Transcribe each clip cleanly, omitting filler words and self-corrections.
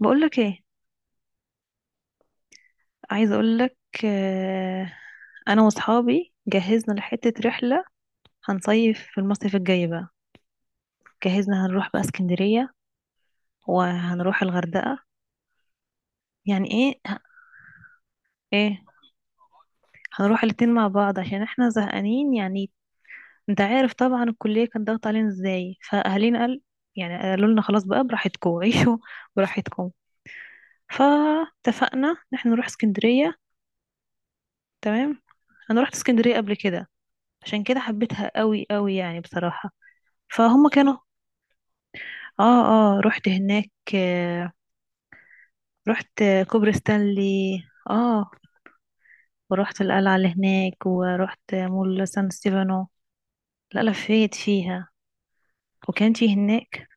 بقولك ايه؟ عايزه اقولك. آه، انا واصحابي جهزنا لحته رحله. هنصيف في المصيف الجاي بقى. جهزنا هنروح بقى اسكندريه وهنروح الغردقه. يعني ايه؟ ايه، هنروح الاتنين مع بعض عشان احنا زهقانين يعني. انت عارف طبعا الكليه كان ضغط علينا ازاي، فاهالينا قال يعني قالوا لنا خلاص بقى براحتكم عيشوا براحتكم. فاتفقنا ان احنا نروح اسكندريه. تمام. انا رحت اسكندريه قبل كده، عشان كده حبيتها قوي قوي يعني بصراحه. فهم كانوا. اه، اه، رحت هناك. رحت كوبري ستانلي. اه، ورحت القلعة اللي هناك، ورحت مول سان ستيفانو. لا، لفيت فيها. وكان في هناك.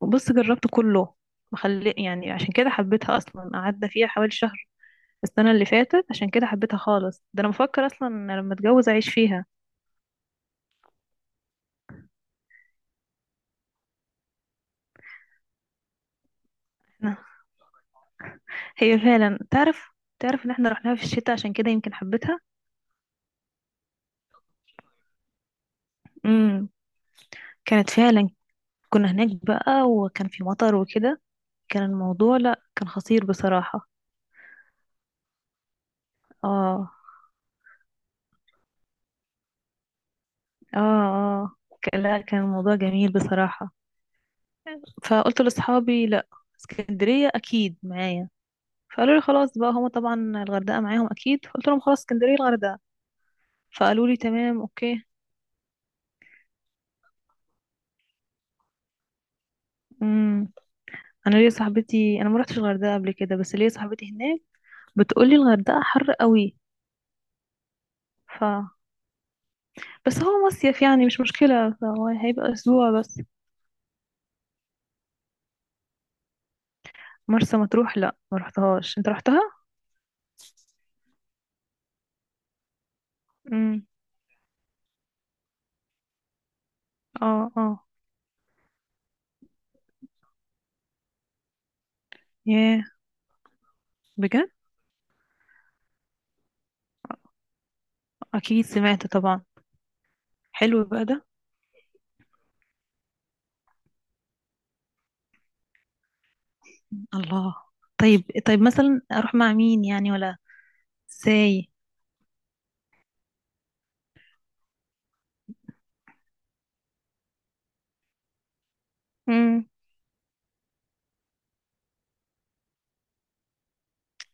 وبص، جربت كله مخلي يعني، عشان كده حبيتها اصلا. قعدنا فيها حوالي شهر السنة اللي فاتت، عشان كده حبيتها خالص. ده انا بفكر اصلا إن لما اتجوز اعيش فيها. هي فعلا تعرف. تعرف ان احنا رحناها في الشتاء، عشان كده يمكن حبيتها. امم كانت فعلا. كنا هناك بقى وكان في مطر وكده. كان الموضوع، لا، كان خطير بصراحة. اه، اه. لا، كان الموضوع جميل بصراحة. فقلت لأصحابي: لا، اسكندرية أكيد معايا. فقالوا لي خلاص بقى، هما طبعا الغردقة معاهم أكيد، فقلت لهم خلاص، اسكندرية الغردقة. فقالوا لي تمام، أوكي. امم أنا ليا صاحبتي، أنا ما رحتش الغردقة قبل كده بس ليا صاحبتي هناك، بتقول لي الغردقة حر قوي. ف بس هو مصيف يعني مش مشكلة، فهو هيبقى أسبوع بس. مرسى مطروح، لا ما رحتهاش، أنت رحتها؟ امم اه، اه، ياه، بجد، اكيد سمعت طبعا. حلو بقى ده. الله. طيب، طيب، مثلا اروح مع مين يعني، ولا ازاي؟ امم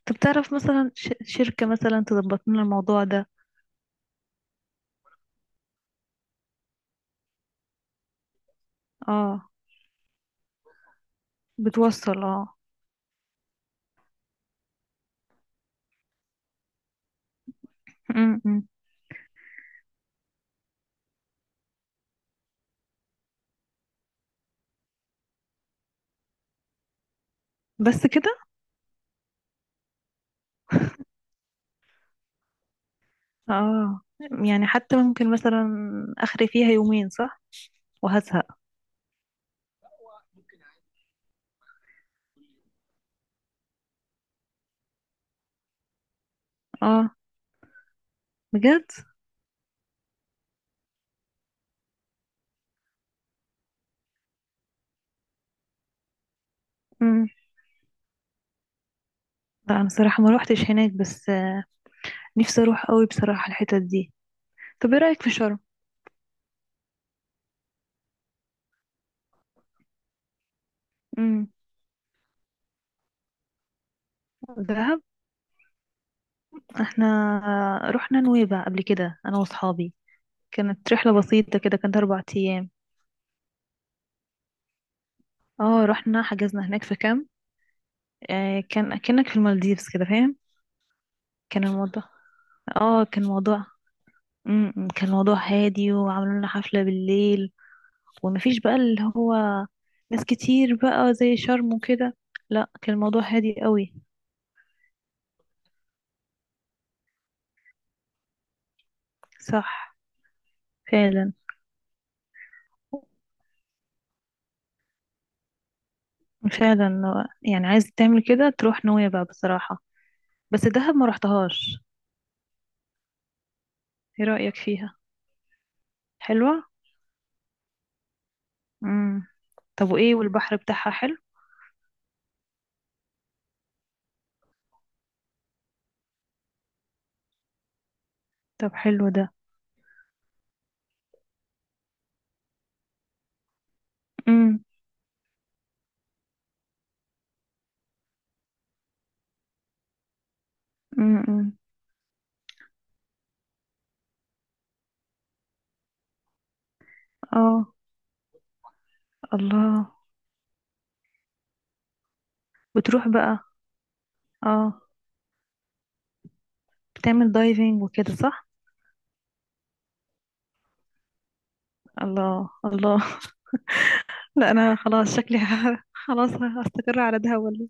طب تعرف مثلا شركة مثلا تظبط لنا الموضوع ده؟ اه، بتوصل. اه. امم بس كده. اه، يعني حتى ممكن مثلا اخري فيها يومين، صح؟ وهزهق. اه، بجد. امم لا، انا صراحة ما روحتش هناك بس. نفسي اروح قوي بصراحة الحتت دي. طب ايه رأيك في شرم؟ امم دهب. احنا رحنا نويبع قبل كده انا واصحابي. كانت رحلة بسيطة كده، كانت 4 ايام. اه، رحنا حجزنا هناك في كامب. آه، كان كأنك في المالديفز كده، فاهم؟ كان الموضوع اه كان موضوع كان موضوع هادي، وعملوا لنا حفلة بالليل. ومفيش بقى اللي هو ناس كتير بقى زي شرم وكده. لا، كان الموضوع هادي قوي. صح. فعلا. فعلا يعني، عايز تعمل كده تروح نويبع بصراحة. بس دهب ما رحتهاش. ايه رأيك فيها؟ حلوة. امم طب وايه، والبحر بتاعها حلو؟ طب حلو ده. امم امم اه، الله. بتروح بقى. اه، بتعمل دايفنج وكده، صح؟ الله، الله، لا انا خلاص شكلي خلاص هستقر على ده ولا.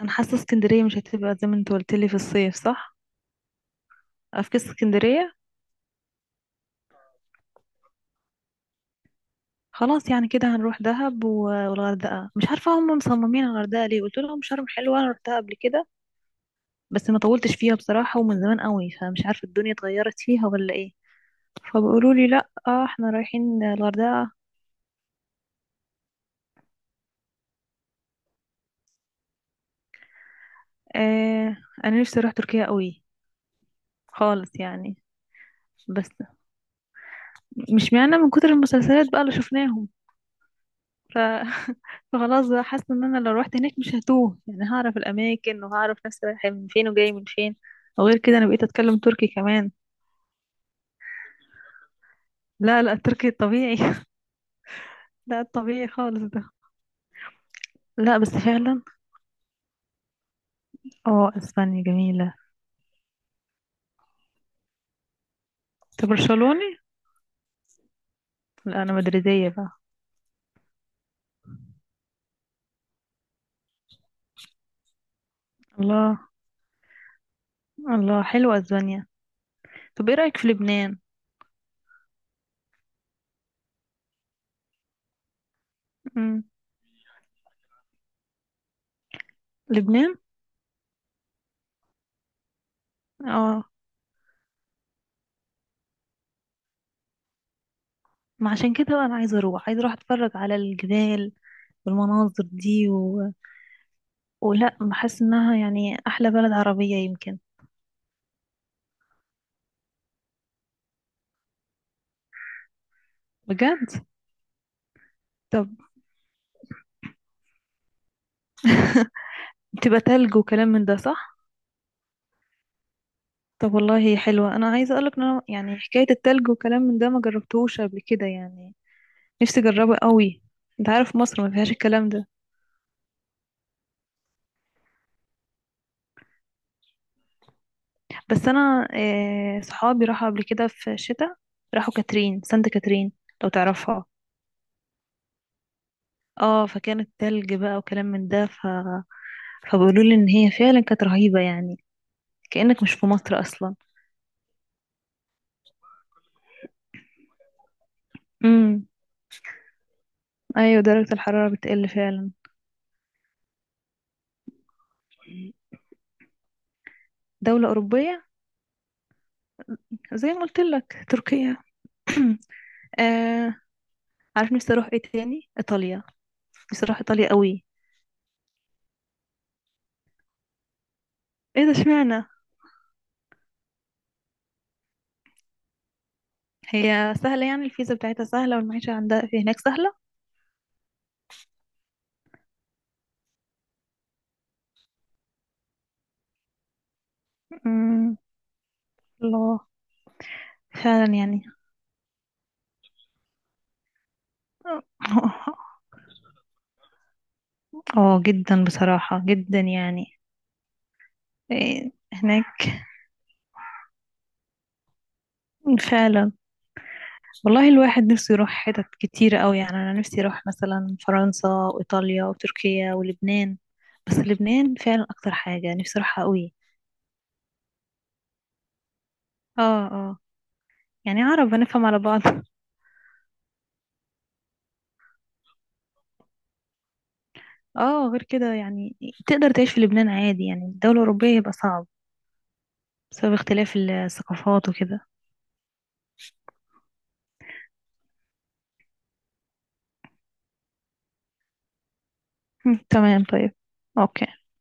انا حاسه اسكندريه مش هتبقى زي ما انت قلت لي في الصيف، صح؟ افكس اسكندريه. خلاص يعني كده هنروح دهب و- والغردقه. مش عارفه هم مصممين على الغردقه ليه، قلت لهم شرم حلوه انا رحتها قبل كده، بس ما طولتش فيها بصراحة ومن زمان قوي، فمش عارفة الدنيا اتغيرت فيها ولا ايه. فبيقولوا لي: لا، آه، احنا رايحين الغردقة. آه، انا نفسي اروح تركيا قوي خالص يعني. بس مش معنى من كتر المسلسلات بقى اللي شفناهم، ف... فخلاص بقى حاسة ان انا لو روحت هناك مش هتوه يعني، هعرف الاماكن وهعرف نفسي رايحة من فين وجاي من فين. وغير كده انا بقيت اتكلم تركي كمان. لا، لا، التركي الطبيعي. لا الطبيعي خالص ده. لا بس فعلا. اه، اسبانيا جميلة. انت برشلوني؟ لا، انا مدريدية بقى. الله، الله، حلوة اسبانيا. طب ايه رأيك في لبنان؟ مم. لبنان. اه، ما عشان كده بقى انا عايزة اروح اتفرج على الجبال والمناظر دي، ولا بحس انها يعني احلى بلد عربية يمكن. بجد؟ طب تبقى تلج وكلام من ده، صح؟ طب والله هي حلوة. انا عايزة اقولك ان أنا يعني حكاية التلج وكلام من ده ما جربتهوش قبل كده يعني، نفسي اجربه قوي. انت عارف مصر ما فيهاش الكلام ده. بس انا آه، صحابي راحوا قبل كده في الشتاء، راحوا سانت كاترين، لو تعرفها. اه، فكانت تلج بقى وكلام من ده، فبيقولوا لي ان هي فعلا كانت رهيبة يعني، كأنك مش في مصر اصلا. امم ايوه، درجة الحرارة بتقل فعلا. دولة أوروبية، زي ما قلت لك تركيا. آه عارف نفسي اروح ايه تاني؟ ايطاليا. نفسي اروح ايطاليا قوي. ايه ده، اشمعنى؟ هي سهلة يعني، الفيزا بتاعتها سهلة والمعيشة عندها في هناك سهلة. امم الله، فعلا يعني. اه جدا بصراحة، جدا يعني. إيه، هناك. فعلا. والله الواحد نفسه يروح حتت كتير قوي يعني، انا نفسي اروح مثلا فرنسا وايطاليا وتركيا ولبنان. بس لبنان فعلا اكتر حاجة نفسي اروحها قوي. اه، اه، يعني عرب هنفهم على بعض. اه، غير كده يعني تقدر تعيش في لبنان عادي. يعني الدولة الأوروبية يبقى صعب، بسبب اختلاف الثقافات وكده. هم، تمام طيب. اوكي.